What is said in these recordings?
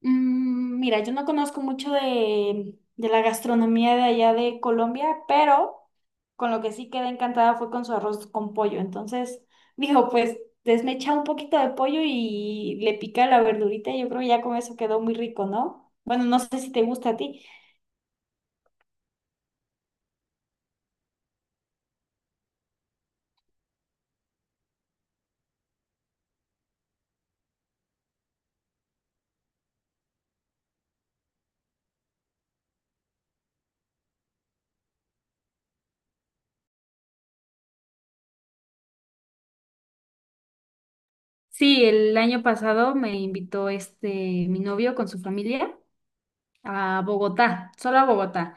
Mira, yo no conozco mucho de la gastronomía de allá de Colombia, pero con lo que sí quedé encantada fue con su arroz con pollo. Entonces, dijo, pues desmecha un poquito de pollo y le pica la verdurita. Yo creo que ya con eso quedó muy rico, ¿no? Bueno, no sé si te gusta a ti. Sí, el año pasado me invitó mi novio con su familia a Bogotá, solo a Bogotá.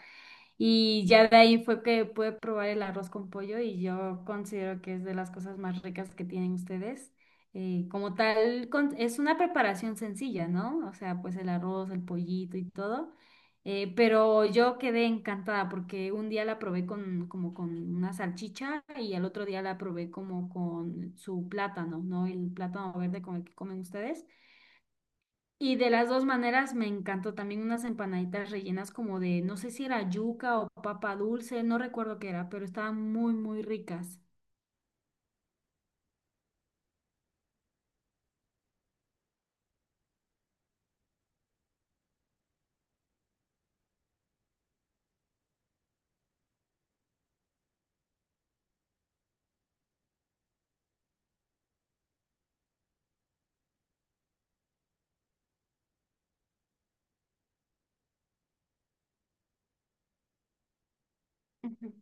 Y ya de ahí fue que pude probar el arroz con pollo y yo considero que es de las cosas más ricas que tienen ustedes. Como tal, es una preparación sencilla, ¿no? O sea, pues el arroz, el pollito y todo. Pero yo quedé encantada porque un día la probé con, como con una salchicha y al otro día la probé como con su plátano, ¿no? El plátano verde con el que comen ustedes. Y de las dos maneras me encantó también unas empanaditas rellenas como de, no sé si era yuca o papa dulce, no recuerdo qué era, pero estaban muy, muy ricas. Ujú.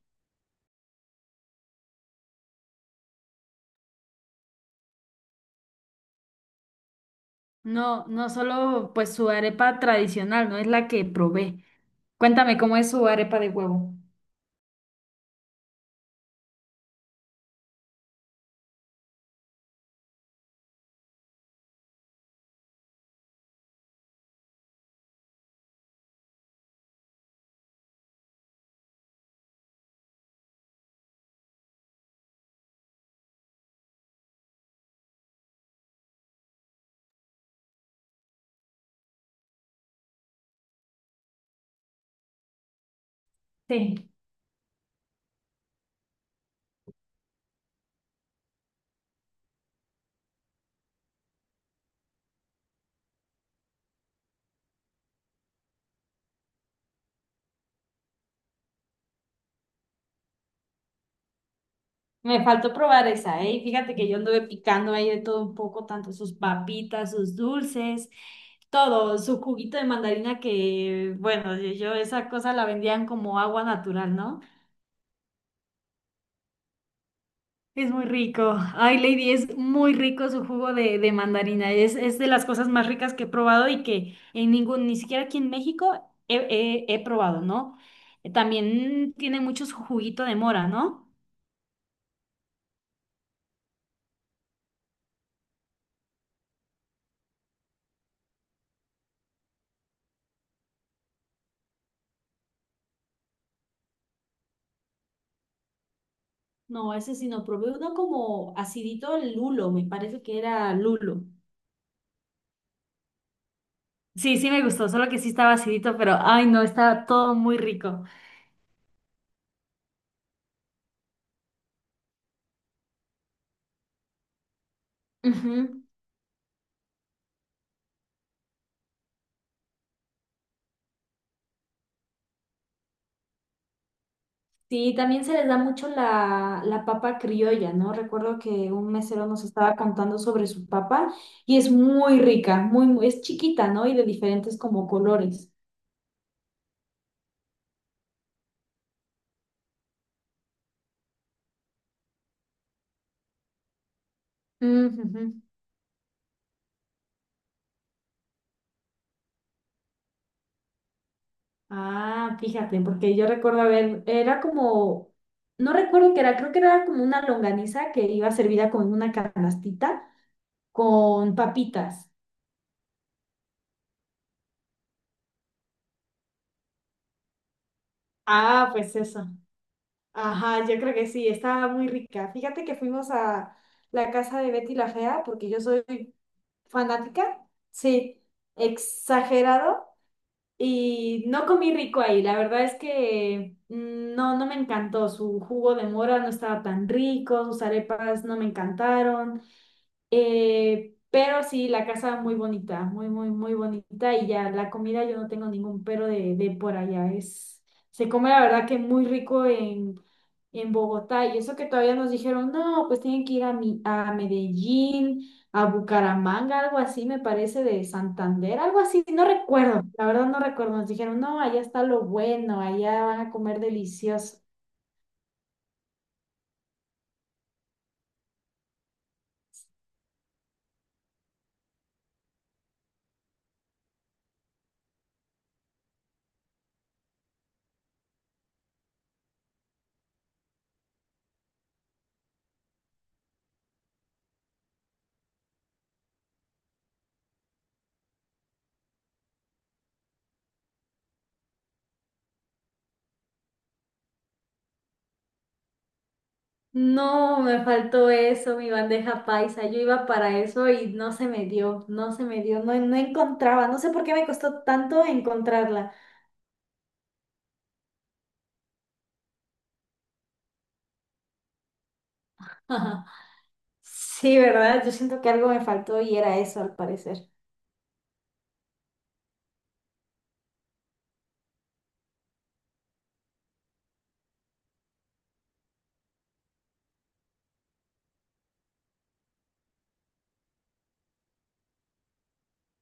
No, no solo pues su arepa tradicional, no es la que probé. Cuéntame cómo es su arepa de huevo. Sí, me faltó probar esa, ¿eh? Y fíjate que yo anduve picando ahí de todo un poco, tanto sus papitas, sus dulces, todo, su juguito de mandarina que, bueno, yo esa cosa la vendían como agua natural, no. Es muy rico. Ay, Lady, es muy rico su jugo de mandarina. Es de las cosas más ricas que he probado y que en ningún, ni siquiera aquí en México he probado, ¿no? También tiene mucho su juguito de mora, ¿no? No, ese sí no, probé uno como acidito lulo, me parece que era lulo. Sí, sí me gustó, solo que sí estaba acidito, pero ay, no, está todo muy rico. Ujú. Sí, también se les da mucho la papa criolla, ¿no? Recuerdo que un mesero nos estaba contando sobre su papa y es muy rica, muy, muy, es chiquita, ¿no? Y de diferentes como colores. Mm, ujú. Ah, fíjate, porque yo recuerdo, a ver, era como, no recuerdo qué era, creo que era como una longaniza que iba servida con una canastita con papitas. Ah, pues eso. Ajá, yo creo que sí, estaba muy rica. Fíjate que fuimos a la casa de Betty la Fea, porque yo soy fanática, sí, exagerado y no comí rico ahí. La verdad es que no, no me encantó. Su jugo de mora no estaba tan rico, sus arepas no me encantaron. Pero sí, la casa muy bonita, muy, muy, muy bonita. Y ya la comida, yo no tengo ningún pero de por allá. Se come la verdad que muy rico en Bogotá. Y eso que todavía nos dijeron, no, pues tienen que ir a, a Medellín, a Bucaramanga, algo así, me parece, de Santander, algo así. No recuerdo, la verdad no recuerdo. Nos dijeron, no, allá está lo bueno, allá van a comer delicioso. No, me faltó eso, mi bandeja paisa. Yo iba para eso y no se me dio, no se me dio, no, no encontraba, no sé por qué me costó tanto encontrarla. Ajá. Sí, ¿verdad? Yo siento que algo me faltó y era eso, al parecer.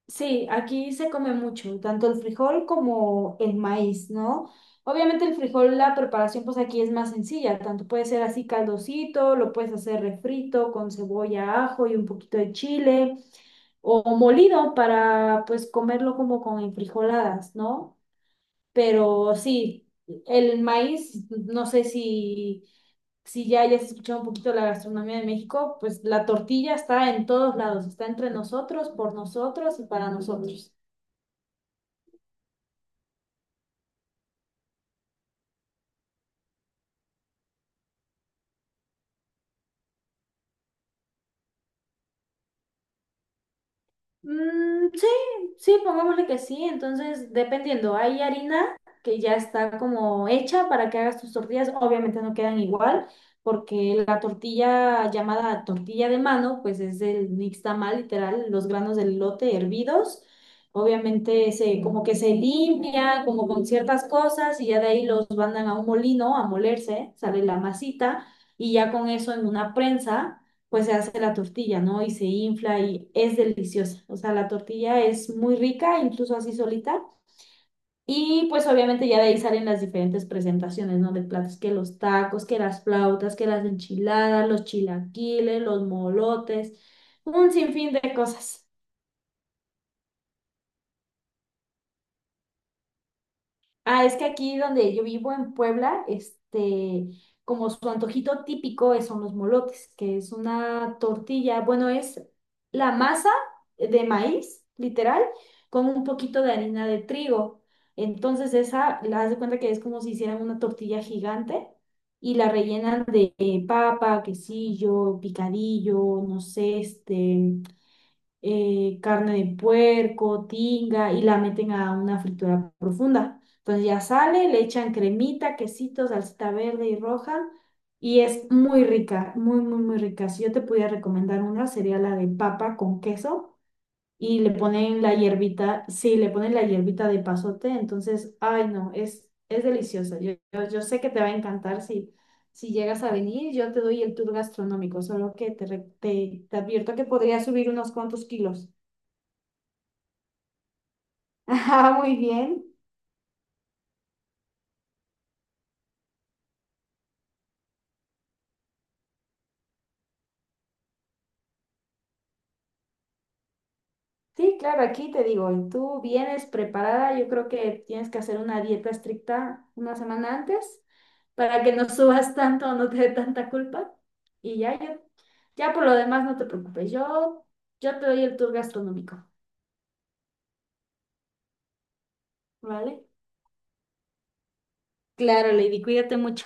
Sí, aquí se come mucho, tanto el frijol como el maíz, ¿no? Obviamente el frijol, la preparación pues aquí es más sencilla, tanto puede ser así caldosito, lo puedes hacer refrito con cebolla, ajo y un poquito de chile, o molido para pues comerlo como con enfrijoladas, ¿no? Pero sí, el maíz, no sé si ya hayas escuchado un poquito la gastronomía de México, pues la tortilla está en todos lados, está entre nosotros, por nosotros y para nosotros. Mm, sí, sí, pongámosle que sí. Entonces, dependiendo, hay harina que ya está como hecha para que hagas tus tortillas. Obviamente no quedan igual, porque la tortilla llamada tortilla de mano, pues es el nixtamal, literal, los granos del lote hervidos. Obviamente como que se limpia, como con ciertas cosas, y ya de ahí los mandan a un molino a molerse, sale la masita, y ya con eso en una prensa pues se hace la tortilla, ¿no? Y se infla y es deliciosa. O sea, la tortilla es muy rica, incluso así solita. Y pues obviamente ya de ahí salen las diferentes presentaciones, ¿no? De platos, que los tacos, que las flautas, que las enchiladas, los chilaquiles, los molotes, un sinfín de cosas. Ah, es que aquí donde yo vivo en Puebla, como su antojito típico son los molotes, que es una tortilla, bueno, es la masa de maíz, literal, con un poquito de harina de trigo. Entonces esa, la haz de cuenta que es como si hicieran una tortilla gigante y la rellenan de papa, quesillo, picadillo, no sé, carne de puerco, tinga y la meten a una fritura profunda. Entonces ya sale, le echan cremita, quesito, salsita verde y roja y es muy rica, muy, muy, muy rica. Si yo te pudiera recomendar una, sería la de papa con queso y le ponen la hierbita, sí, le ponen la hierbita de pasote, entonces, ay no, es deliciosa. Yo sé que te va a encantar si... Si llegas a venir, yo te doy el tour gastronómico, solo que te advierto que podría subir unos cuantos kilos. Ah, muy bien. Sí, claro, aquí te digo, y tú vienes preparada, yo creo que tienes que hacer una dieta estricta una semana antes para que no subas tanto, no te dé tanta culpa. Y ya, ya, ya por lo demás no te preocupes, yo te doy el tour gastronómico, ¿vale? Claro, Lady, cuídate mucho.